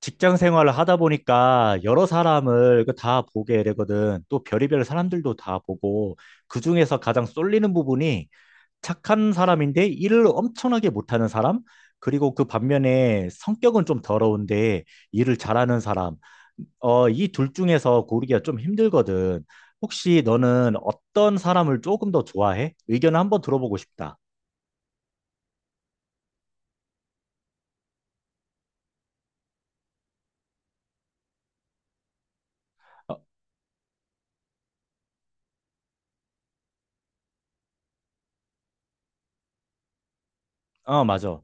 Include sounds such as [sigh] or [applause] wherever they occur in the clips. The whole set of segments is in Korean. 직장 생활을 하다 보니까 여러 사람을 그다 보게 되거든. 또 별의별 사람들도 다 보고 그중에서 가장 쏠리는 부분이 착한 사람인데 일을 엄청나게 못하는 사람, 그리고 그 반면에 성격은 좀 더러운데 일을 잘하는 사람. 이 둘 중에서 고르기가 좀 힘들거든. 혹시 너는 어떤 사람을 조금 더 좋아해? 의견을 한번 들어보고 싶다. 어, 어, 맞아.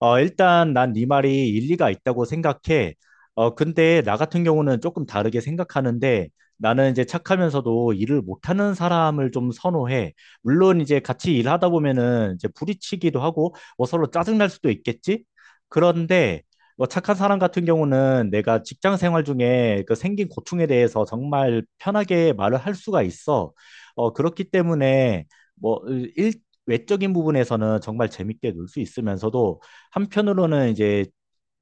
일단 난 네 말이 일리가 있다고 생각해. 근데 나 같은 경우는 조금 다르게 생각하는데 나는 이제 착하면서도 일을 못하는 사람을 좀 선호해. 물론 이제 같이 일하다 보면은 이제 부딪히기도 하고 뭐 서로 짜증날 수도 있겠지? 그런데 뭐 착한 사람 같은 경우는 내가 직장 생활 중에 그 생긴 고충에 대해서 정말 편하게 말을 할 수가 있어. 그렇기 때문에 뭐 일, 외적인 부분에서는 정말 재밌게 놀 수 있으면서도 한편으로는 이제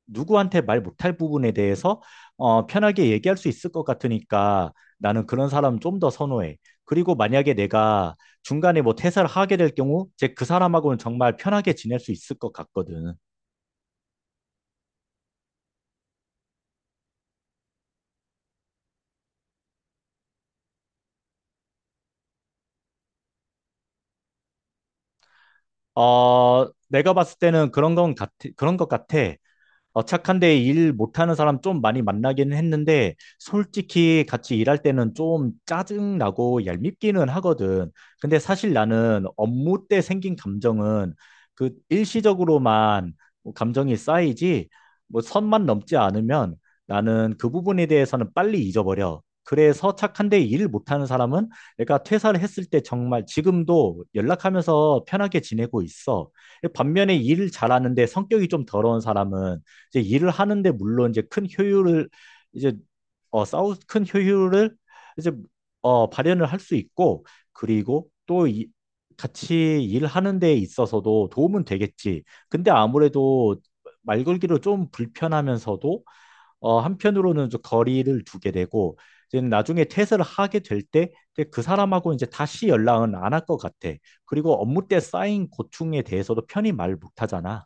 누구한테 말 못할 부분에 대해서 편하게 얘기할 수 있을 것 같으니까 나는 그런 사람 좀 더 선호해. 그리고 만약에 내가 중간에 뭐 퇴사를 하게 될 경우, 이제 그 사람하고는 정말 편하게 지낼 수 있을 것 같거든. 내가 봤을 때는 그런 것 같아. 착한데 일 못하는 사람 좀 많이 만나긴 했는데, 솔직히 같이 일할 때는 좀 짜증나고 얄밉기는 하거든. 근데 사실 나는 업무 때 생긴 감정은 그 일시적으로만 뭐 감정이 쌓이지, 뭐 선만 넘지 않으면 나는 그 부분에 대해서는 빨리 잊어버려. 그래서 착한데 일 못하는 사람은 내가 퇴사를 했을 때 정말 지금도 연락하면서 편하게 지내고 있어. 반면에 일을 잘하는데 성격이 좀 더러운 사람은 이제 일을 하는데 물론 이제 큰 효율을 이제 어 싸우 큰 효율을 이제 발현을 할 수 있고 그리고 또 이, 같이 일하는 데 있어서도 도움은 되겠지. 근데 아무래도 말 걸기로 좀 불편하면서도 한편으로는 좀 거리를 두게 되고 이제 나중에 퇴사를 하게 될 때 그 사람하고 이제 다시 연락은 안 할 것 같아. 그리고 업무 때 쌓인 고충에 대해서도 편히 말 못하잖아.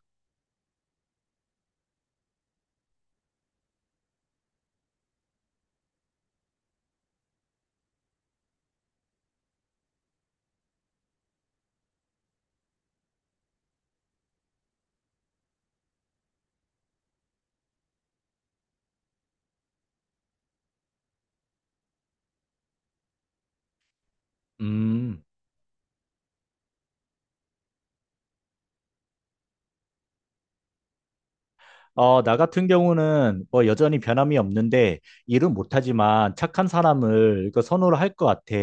음. 나 같은 경우는 뭐 여전히 변함이 없는데 일은 못하지만 착한 사람을 그 선호를 할 것 같아.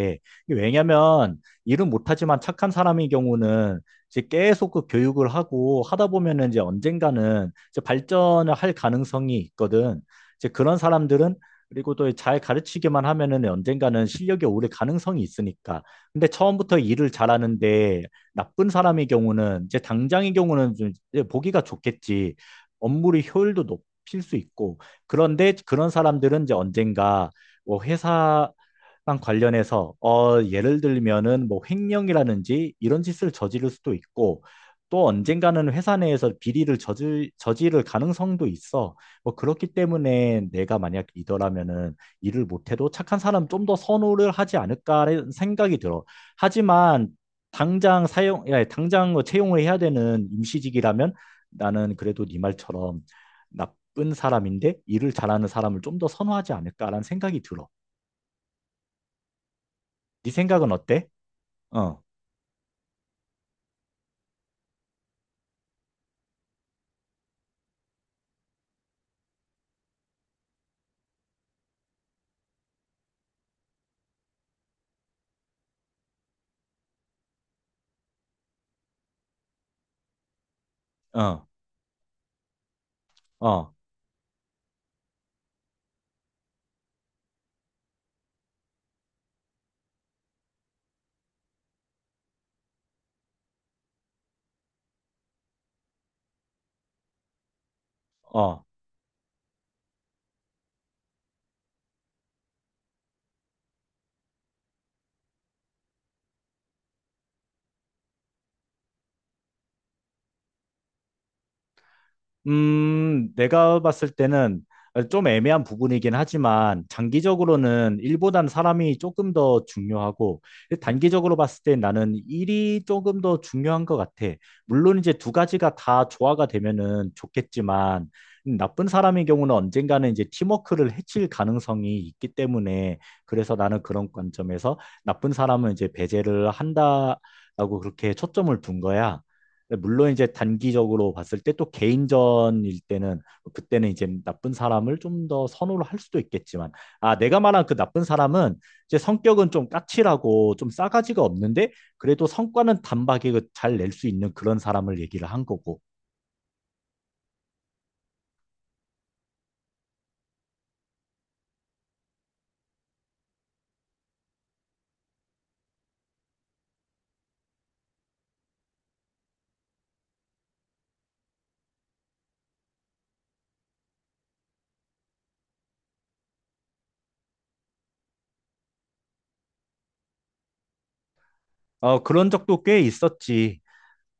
왜냐면 일은 못하지만 착한 사람의 경우는 이제 계속 그 교육을 하고 하다 보면은 이제 언젠가는 이제 발전을 할 가능성이 있거든. 이제 그런 사람들은 그리고 또 잘 가르치기만 하면은 언젠가는 실력이 오를 가능성이 있으니까. 근데 처음부터 일을 잘하는데 나쁜 사람의 경우는 이제 당장의 경우는 좀 이제 보기가 좋겠지. 업무의 효율도 높일 수 있고 그런데 그런 사람들은 이제 언젠가 뭐 회사 빵 관련해서 예를 들면은 뭐 횡령이라든지 이런 짓을 저지를 수도 있고 또 언젠가는 회사 내에서 저지를 가능성도 있어. 뭐 그렇기 때문에 내가 만약 리더라면은 일을 못해도 착한 사람 좀 더 선호를 하지 않을까라는 생각이 들어. 하지만 당장 뭐 채용을 해야 되는 임시직이라면 나는 그래도 네 말처럼 나쁜 사람인데 일을 잘하는 사람을 좀 더 선호하지 않을까라는 생각이 들어. 네 생각은 어때? 어, 어, 어, 어. 내가 봤을 때는 좀 애매한 부분이긴 하지만 장기적으로는 일보단 사람이 조금 더 중요하고 단기적으로 봤을 때 나는 일이 조금 더 중요한 것 같아. 물론 이제 두 가지가 다 조화가 되면은 좋겠지만 나쁜 사람의 경우는 언젠가는 이제 팀워크를 해칠 가능성이 있기 때문에 그래서 나는 그런 관점에서 나쁜 사람은 이제 배제를 한다라고 그렇게 초점을 둔 거야. 물론 이제 단기적으로 봤을 때 또 개인전일 때는 뭐 그때는 이제 나쁜 사람을 좀 더 선호를 할 수도 있겠지만 아 내가 말한 그 나쁜 사람은 이제 성격은 좀 까칠하고 좀 싸가지가 없는데 그래도 성과는 단박에 그 잘낼 수 있는 그런 사람을 얘기를 한 거고 그런 적도 꽤 있었지.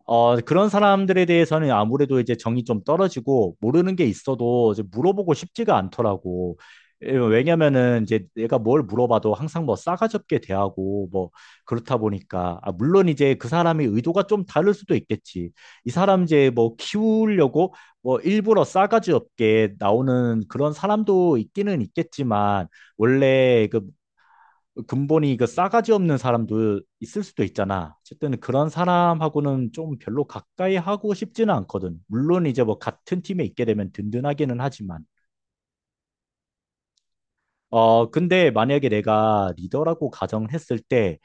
그런 사람들에 대해서는 아무래도 이제 정이 좀 떨어지고 모르는 게 있어도 이제 물어보고 싶지가 않더라고. 예, 왜냐면은 이제 내가 뭘 물어봐도 항상 뭐 싸가지 없게 대하고 뭐 그렇다 보니까 아, 물론 이제 그 사람의 의도가 좀 다를 수도 있겠지. 이 사람 이제 뭐 키우려고 뭐 일부러 싸가지 없게 나오는 그런 사람도 있기는 있겠지만 원래 그 근본이 그 싸가지 없는 사람도 있을 수도 있잖아. 어쨌든 그런 사람하고는 좀 별로 가까이 하고 싶지는 않거든. 물론 이제 뭐 같은 팀에 있게 되면 든든하기는 하지만. 근데 만약에 내가 리더라고 가정했을 때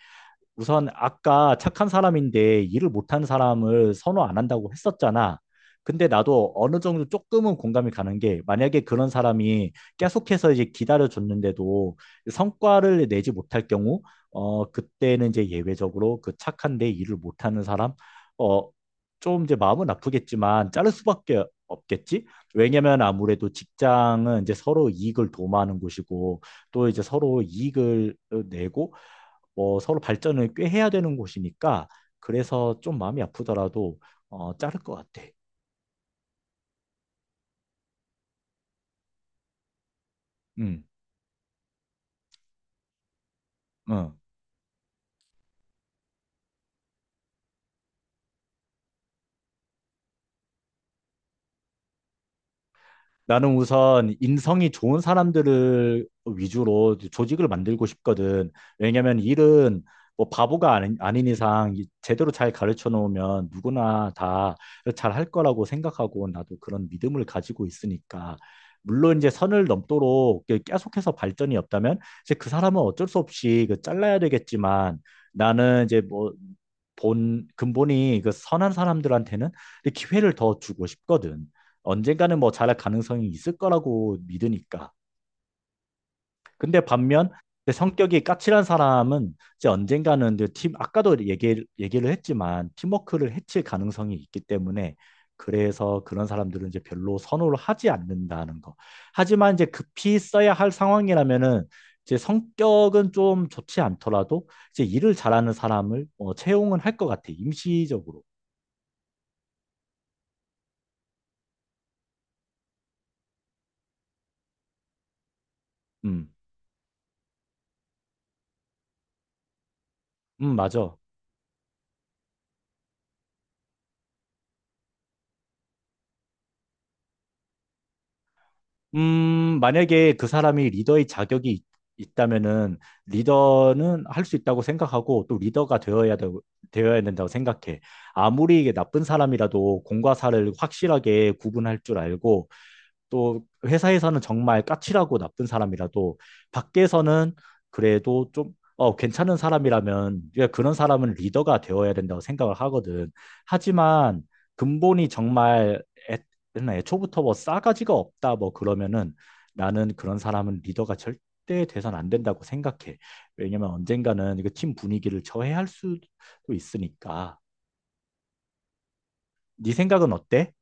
우선 아까 착한 사람인데 일을 못한 사람을 선호 안 한다고 했었잖아. 근데 나도 어느 정도 조금은 공감이 가는 게 만약에 그런 사람이 계속해서 이제 기다려줬는데도 성과를 내지 못할 경우, 그때는 이제 예외적으로 그 착한데 일을 못하는 사람, 어, 좀 이제 마음은 아프겠지만 자를 수밖에 없겠지? 왜냐면 아무래도 직장은 이제 서로 이익을 도모하는 곳이고 또 이제 서로 이익을 내고 뭐 서로 발전을 꽤 해야 되는 곳이니까 그래서 좀 마음이 아프더라도 자를 것 같아. 어. 나는 우선 인성이 좋은 사람들을 위주로 조직을 만들고 싶거든. 왜냐면 일은 뭐 바보가 아닌 이상 이- 제대로 잘 가르쳐 놓으면 누구나 다 잘 할 거라고 생각하고 나도 그런 믿음을 가지고 있으니까. 물론 이제 선을 넘도록 이렇게 계속해서 발전이 없다면 이제 그 사람은 어쩔 수 없이 그 잘라야 되겠지만 나는 이제 뭐 본 근본이 그 선한 사람들한테는 기회를 더 주고 싶거든. 언젠가는 뭐 잘할 가능성이 있을 거라고 믿으니까. 근데 반면 근데 성격이 까칠한 사람은 이제 언젠가는 이제 팀 아까도 얘기를 했지만 팀워크를 해칠 가능성이 있기 때문에 그래서 그런 사람들은 이제 별로 선호를 하지 않는다는 거. 하지만 이제 급히 써야 할 상황이라면은 이제 성격은 좀 좋지 않더라도 이제 일을 잘하는 사람을 채용은 할 것 같아. 임시적으로. 음, 맞아. 만약에 그 사람이 있다면은 리더는 할 수 있다고 생각하고 또 어야 된다고 생각해. 아무리 이게 나쁜 사람이라도 공과 사를 확실하게 구분할 줄 알고 또 회사에서는 정말 까칠하고 나쁜 사람이라도 밖에서는 그래도 좀 괜찮은 사람이라면 그러니까 그런 사람은 리더가 되어야 된다고 생각을 하거든. 하지만 근본이 정말 애, 맨날 애초부터 뭐 싸가지가 없다 뭐 그러면은 나는 그런 사람은 리더가 절대 돼선 안 된다고 생각해. 왜냐면 언젠가는 이거 팀 분위기를 저해할 수도 있으니까. 네 생각은 어때?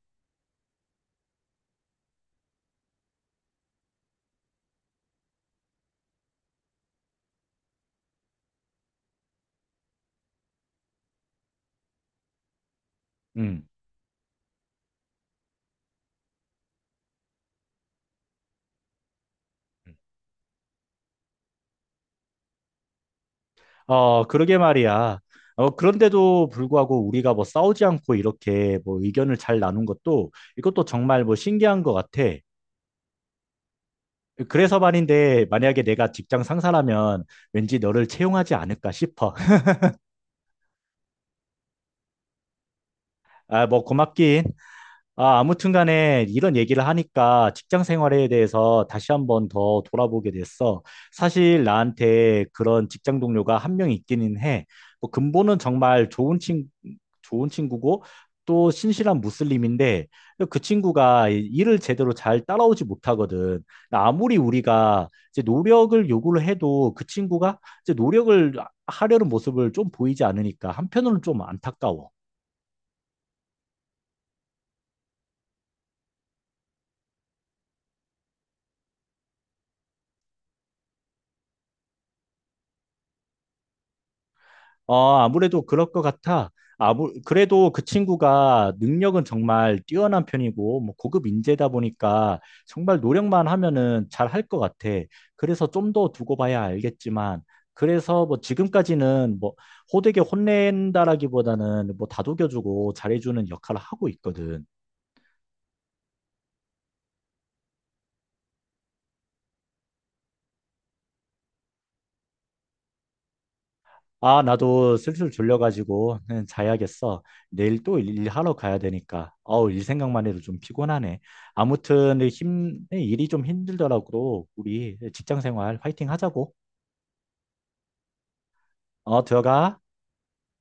음. 그러게 말이야. 그런데도 불구하고 우리가 뭐 싸우지 않고 이렇게 뭐 의견을 잘 나눈 것도 이것도 정말 뭐 신기한 것 같아. 그래서 말인데 만약에 내가 직장 상사라면 왠지 너를 채용하지 않을까 싶어. [laughs] 아, 뭐 고맙긴. 아, 아무튼 간에 이런 얘기를 하니까 직장 생활에 대해서 다시 한번 더 돌아보게 됐어. 사실 나한테 그런 직장 동료가 한 명 있기는 해. 뭐 근본은 정말 좋은 친구고 또 신실한 무슬림인데 그 친구가 일을 제대로 잘 따라오지 못하거든. 아무리 우리가 이제 노력을 요구를 해도 그 친구가 이제 노력을 하려는 모습을 좀 보이지 않으니까 한편으로는 좀 안타까워. 아무래도 그럴 것 같아. 그래도 그 친구가 능력은 정말 뛰어난 편이고, 뭐 고급 인재다 보니까 정말 노력만 하면은 잘 할 것 같아. 그래서 좀 더 두고 봐야 알겠지만, 그래서 뭐 지금까지는 뭐 호되게 혼낸다라기보다는 뭐 다독여주고 잘해주는 역할을 하고 있거든. 아, 나도 슬슬 졸려가지고 그냥 자야겠어. 내일 또 일- 하러 가야 되니까. 어우, 일 생각만 해도 좀 피곤하네. 일이 좀 힘들더라고. 우리 직장 생활 화이팅 하자고. 들어가.